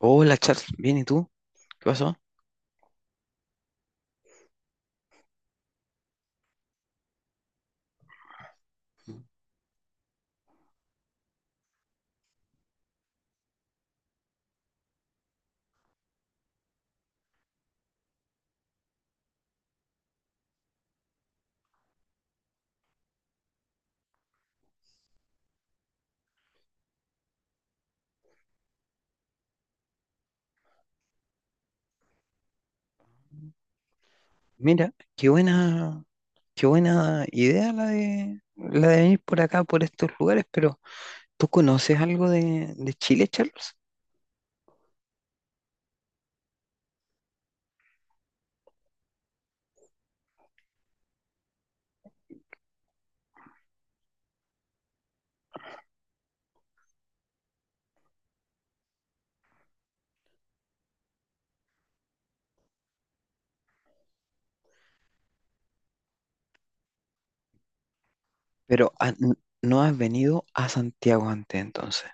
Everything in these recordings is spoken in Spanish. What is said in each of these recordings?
Hola Charles, bien, ¿y tú? ¿Qué pasó? Mira, qué buena idea la de venir por acá, por estos lugares, pero ¿tú conoces algo de Chile, Charles? Pero no has venido a Santiago antes, entonces.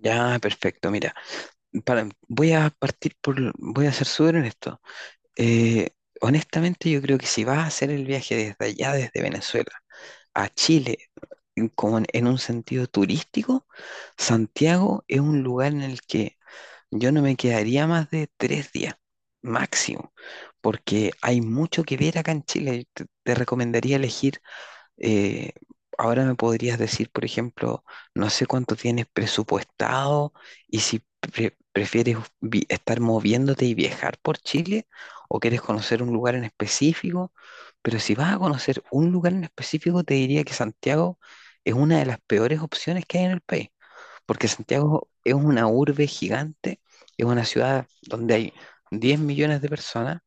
Ya, perfecto, mira, voy a partir por, voy a ser súper honesto. Eh, Honestamente, yo creo que si vas a hacer el viaje desde allá, desde Venezuela, a Chile, como en un sentido turístico, Santiago es un lugar en el que yo no me quedaría más de tres días máximo, porque hay mucho que ver acá en Chile. Te recomendaría elegir eh, ahora me podrías decir, por ejemplo, no sé cuánto tienes presupuestado y si prefieres estar moviéndote y viajar por Chile o quieres conocer un lugar en específico, pero si vas a conocer un lugar en específico, te diría que Santiago es una de las peores opciones que hay en el país porque Santiago es una urbe gigante, es una ciudad donde hay 10 millones de personas,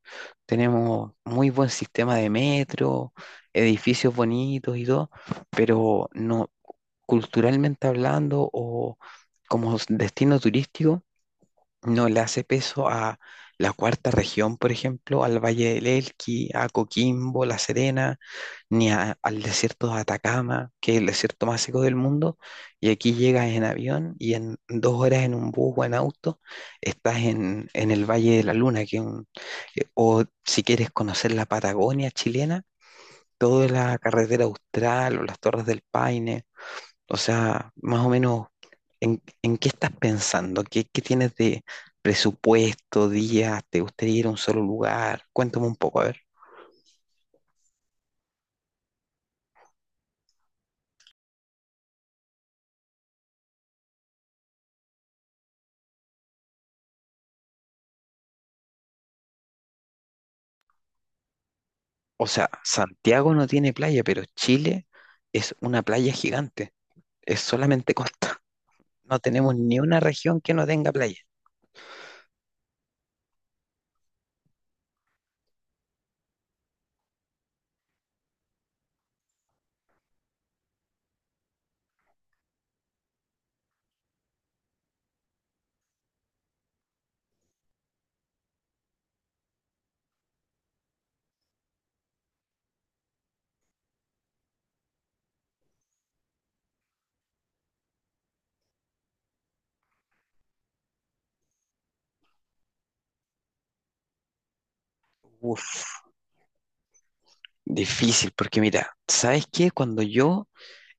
tenemos muy buen sistema de metro, edificios bonitos y todo, pero no culturalmente hablando o como destino turístico, no le hace peso a la cuarta región, por ejemplo, al Valle del Elqui, a Coquimbo, La Serena, ni al desierto de Atacama, que es el desierto más seco del mundo, y aquí llegas en avión y en dos horas en un bus o en auto estás en el Valle de la Luna, que es un- que- o si quieres conocer la Patagonia chilena, toda la carretera austral o las Torres del Paine, o sea, más o menos, ¿en qué estás pensando? ¿Qué tienes de presupuesto, días? ¿Te gustaría ir a un solo lugar? Cuéntame un poco, a ver. O sea, Santiago no tiene playa, pero Chile es una playa gigante. Es solamente costa. No tenemos ni una región que no tenga playa. Uf, difícil, porque mira, ¿sabes qué? Cuando yo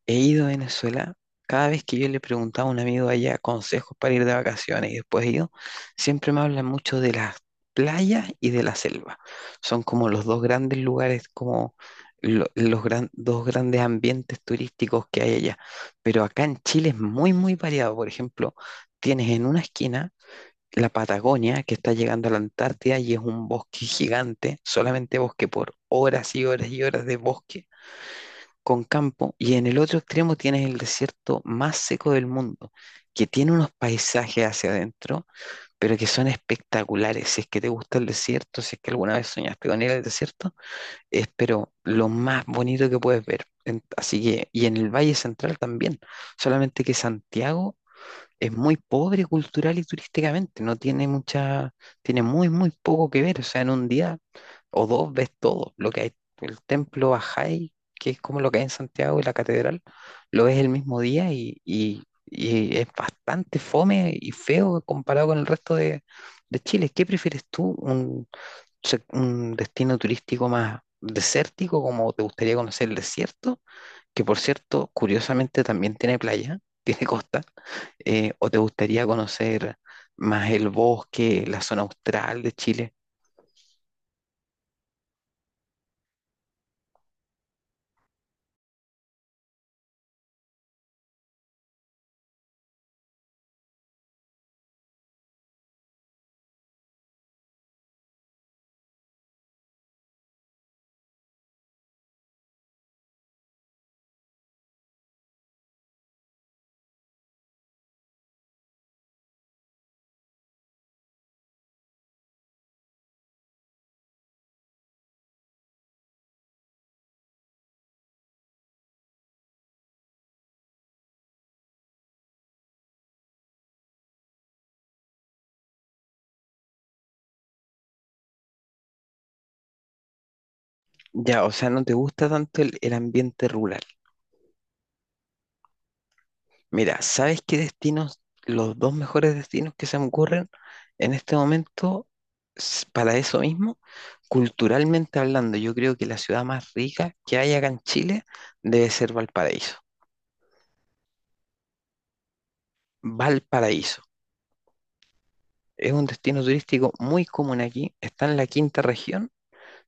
he ido a Venezuela, cada vez que yo le preguntaba a un amigo allá consejos para ir de vacaciones y después he ido, siempre me hablan mucho de las playas y de la selva. Son como los dos grandes lugares, como dos grandes ambientes turísticos que hay allá. Pero acá en Chile es muy, muy variado. Por ejemplo, tienes en una esquina la Patagonia que está llegando a la Antártida y es un bosque gigante, solamente bosque por horas y horas y horas de bosque con campo y en el otro extremo tienes el desierto más seco del mundo, que tiene unos paisajes hacia adentro, pero que son espectaculares. Si es que te gusta el desierto, si es que alguna vez soñaste con ir al desierto, es pero lo más bonito que puedes ver. Así que, y en el Valle Central también, solamente que Santiago es muy pobre cultural y turísticamente, no tiene mucha, tiene muy, muy poco que ver. O sea, en un día o dos ves todo, lo que hay, el templo Bajay, que es como lo que hay en Santiago y la catedral, lo ves el mismo día y es bastante fome y feo comparado con el resto de Chile. ¿Qué prefieres tú? ¿Un destino turístico más desértico, como te gustaría conocer el desierto, que por cierto, curiosamente también tiene playa, tiene costa, o te gustaría conocer más el bosque, la zona austral de Chile? Ya, o sea, no te gusta tanto el ambiente rural. Mira, ¿sabes qué destinos, los dos mejores destinos que se me ocurren en este momento para eso mismo? Culturalmente hablando, yo creo que la ciudad más rica que hay acá en Chile debe ser Valparaíso. Valparaíso es un destino turístico muy común aquí, está en la quinta región.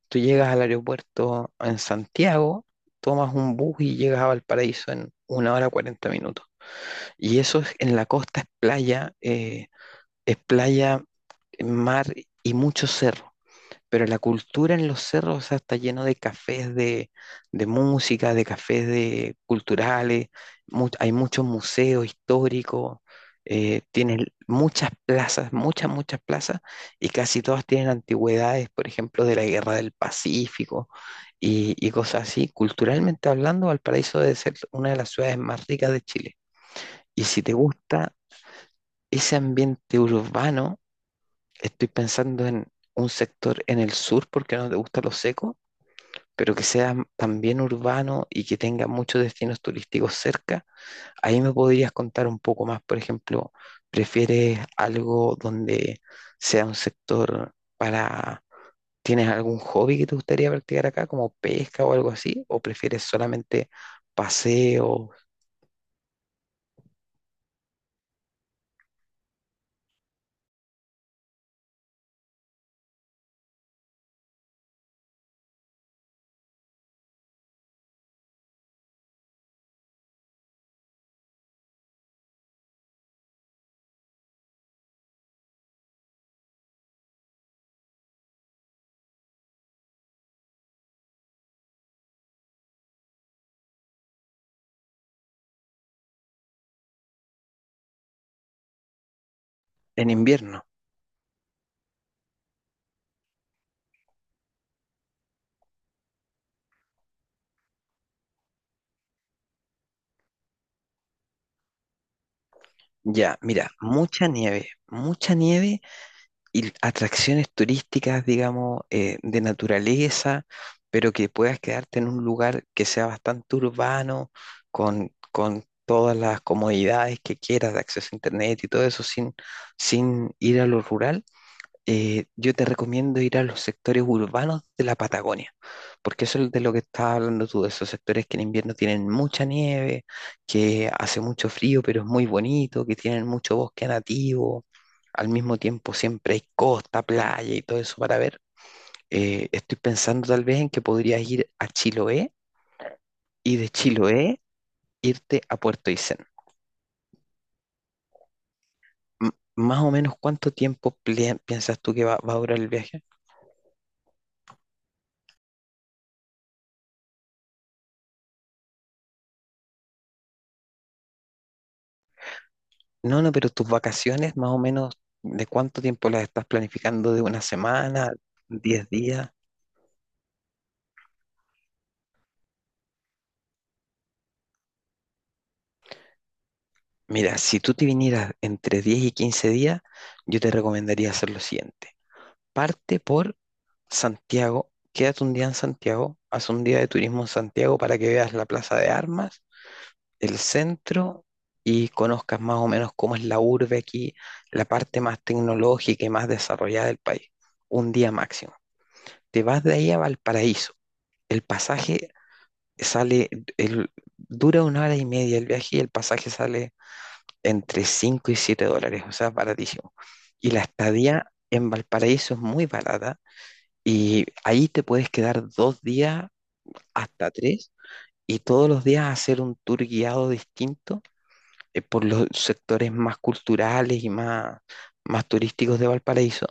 Tú llegas al aeropuerto en Santiago, tomas un bus y llegas a Valparaíso en una hora cuarenta minutos. Y eso es en la costa, es playa, mar y mucho cerro. Pero la cultura en los cerros, o sea, está lleno de cafés de música, de cafés de culturales, hay muchos museos históricos, tienen muchas plazas, muchas, muchas plazas, y casi todas tienen antigüedades, por ejemplo, de la Guerra del Pacífico y cosas así. Culturalmente hablando, Valparaíso debe ser una de las ciudades más ricas de Chile. Y si te gusta ese ambiente urbano, estoy pensando en un sector en el sur porque no te gusta lo seco, pero que sea también urbano y que tenga muchos destinos turísticos cerca. Ahí me podrías contar un poco más, por ejemplo, ¿prefieres algo donde sea un sector para... ¿Tienes algún hobby que te gustaría practicar acá, como pesca o algo así? ¿O prefieres solamente paseos en invierno? Ya, mira, mucha nieve y atracciones turísticas, digamos, de naturaleza, pero que puedas quedarte en un lugar que sea bastante urbano, con todas las comodidades que quieras de acceso a internet y todo eso, sin ir a lo rural. Yo te recomiendo ir a los sectores urbanos de la Patagonia, porque eso es de lo que estás hablando tú, de esos sectores que en invierno tienen mucha nieve, que hace mucho frío, pero es muy bonito, que tienen mucho bosque nativo, al mismo tiempo siempre hay costa, playa y todo eso para ver. Estoy pensando tal vez en que podrías ir a Chiloé y de Chiloé irte a Puerto Aysén. Más o menos, ¿cuánto tiempo piensas tú que va a durar el viaje? No, no, pero tus vacaciones, más o menos, ¿de cuánto tiempo las estás planificando? ¿De una semana? ¿Diez días? Mira, si tú te vinieras entre 10 y 15 días, yo te recomendaría hacer lo siguiente. Parte por Santiago, quédate un día en Santiago, haz un día de turismo en Santiago para que veas la Plaza de Armas, el centro y conozcas más o menos cómo es la urbe aquí, la parte más tecnológica y más desarrollada del país. Un día máximo. Te vas de ahí a Valparaíso. El pasaje sale, el, dura una hora y media el viaje y el pasaje sale entre 5 y 7 dólares, o sea, baratísimo. Y la estadía en Valparaíso es muy barata y ahí te puedes quedar dos días hasta tres y todos los días hacer un tour guiado distinto, por los sectores más culturales y más turísticos de Valparaíso.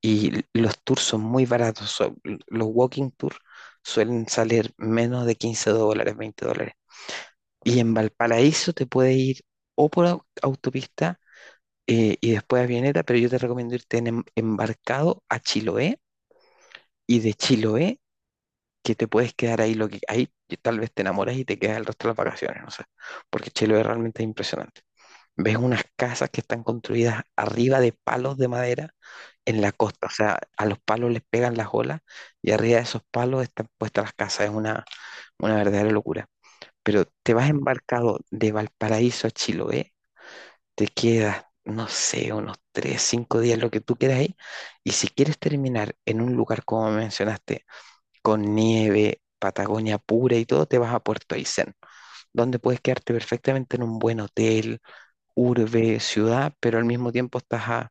Y los tours son muy baratos, los walking tours suelen salir menos de 15 dólares, 20 dólares. Y en Valparaíso te puedes ir o por autopista y después a Avioneta, pero yo te recomiendo irte en embarcado a Chiloé y de Chiloé, que te puedes quedar ahí lo que ahí que tal vez te enamoras y te quedas el resto de las vacaciones, no sé, porque Chiloé realmente es impresionante. Ves unas casas que están construidas arriba de palos de madera en la costa, o sea, a los palos les pegan las olas y arriba de esos palos están puestas las casas, es una verdadera locura. Pero te vas embarcado de Valparaíso a Chiloé, te quedas, no sé, unos tres, cinco días, lo que tú quieras ahí. Y si quieres terminar en un lugar, como mencionaste, con nieve, Patagonia pura y todo, te vas a Puerto Aysén, donde puedes quedarte perfectamente en un buen hotel, urbe, ciudad, pero al mismo tiempo estás a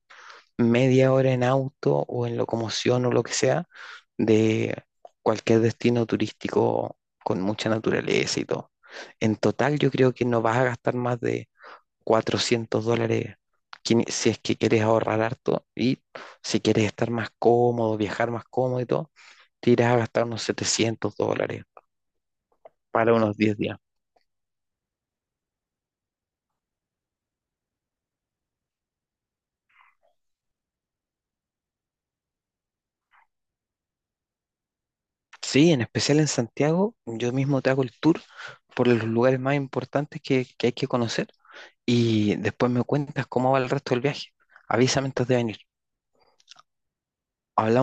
media hora en auto o en locomoción o lo que sea de cualquier destino turístico con mucha naturaleza y todo. En total, yo creo que no vas a gastar más de US$400 si es que quieres ahorrar harto y si quieres estar más cómodo, viajar más cómodo y todo, te irás a gastar unos US$700 para unos 10 días. Sí, en especial en Santiago, yo mismo te hago el tour por los lugares más importantes que hay que conocer y después me cuentas cómo va el resto del viaje. Avísame antes de venir. Hablamos.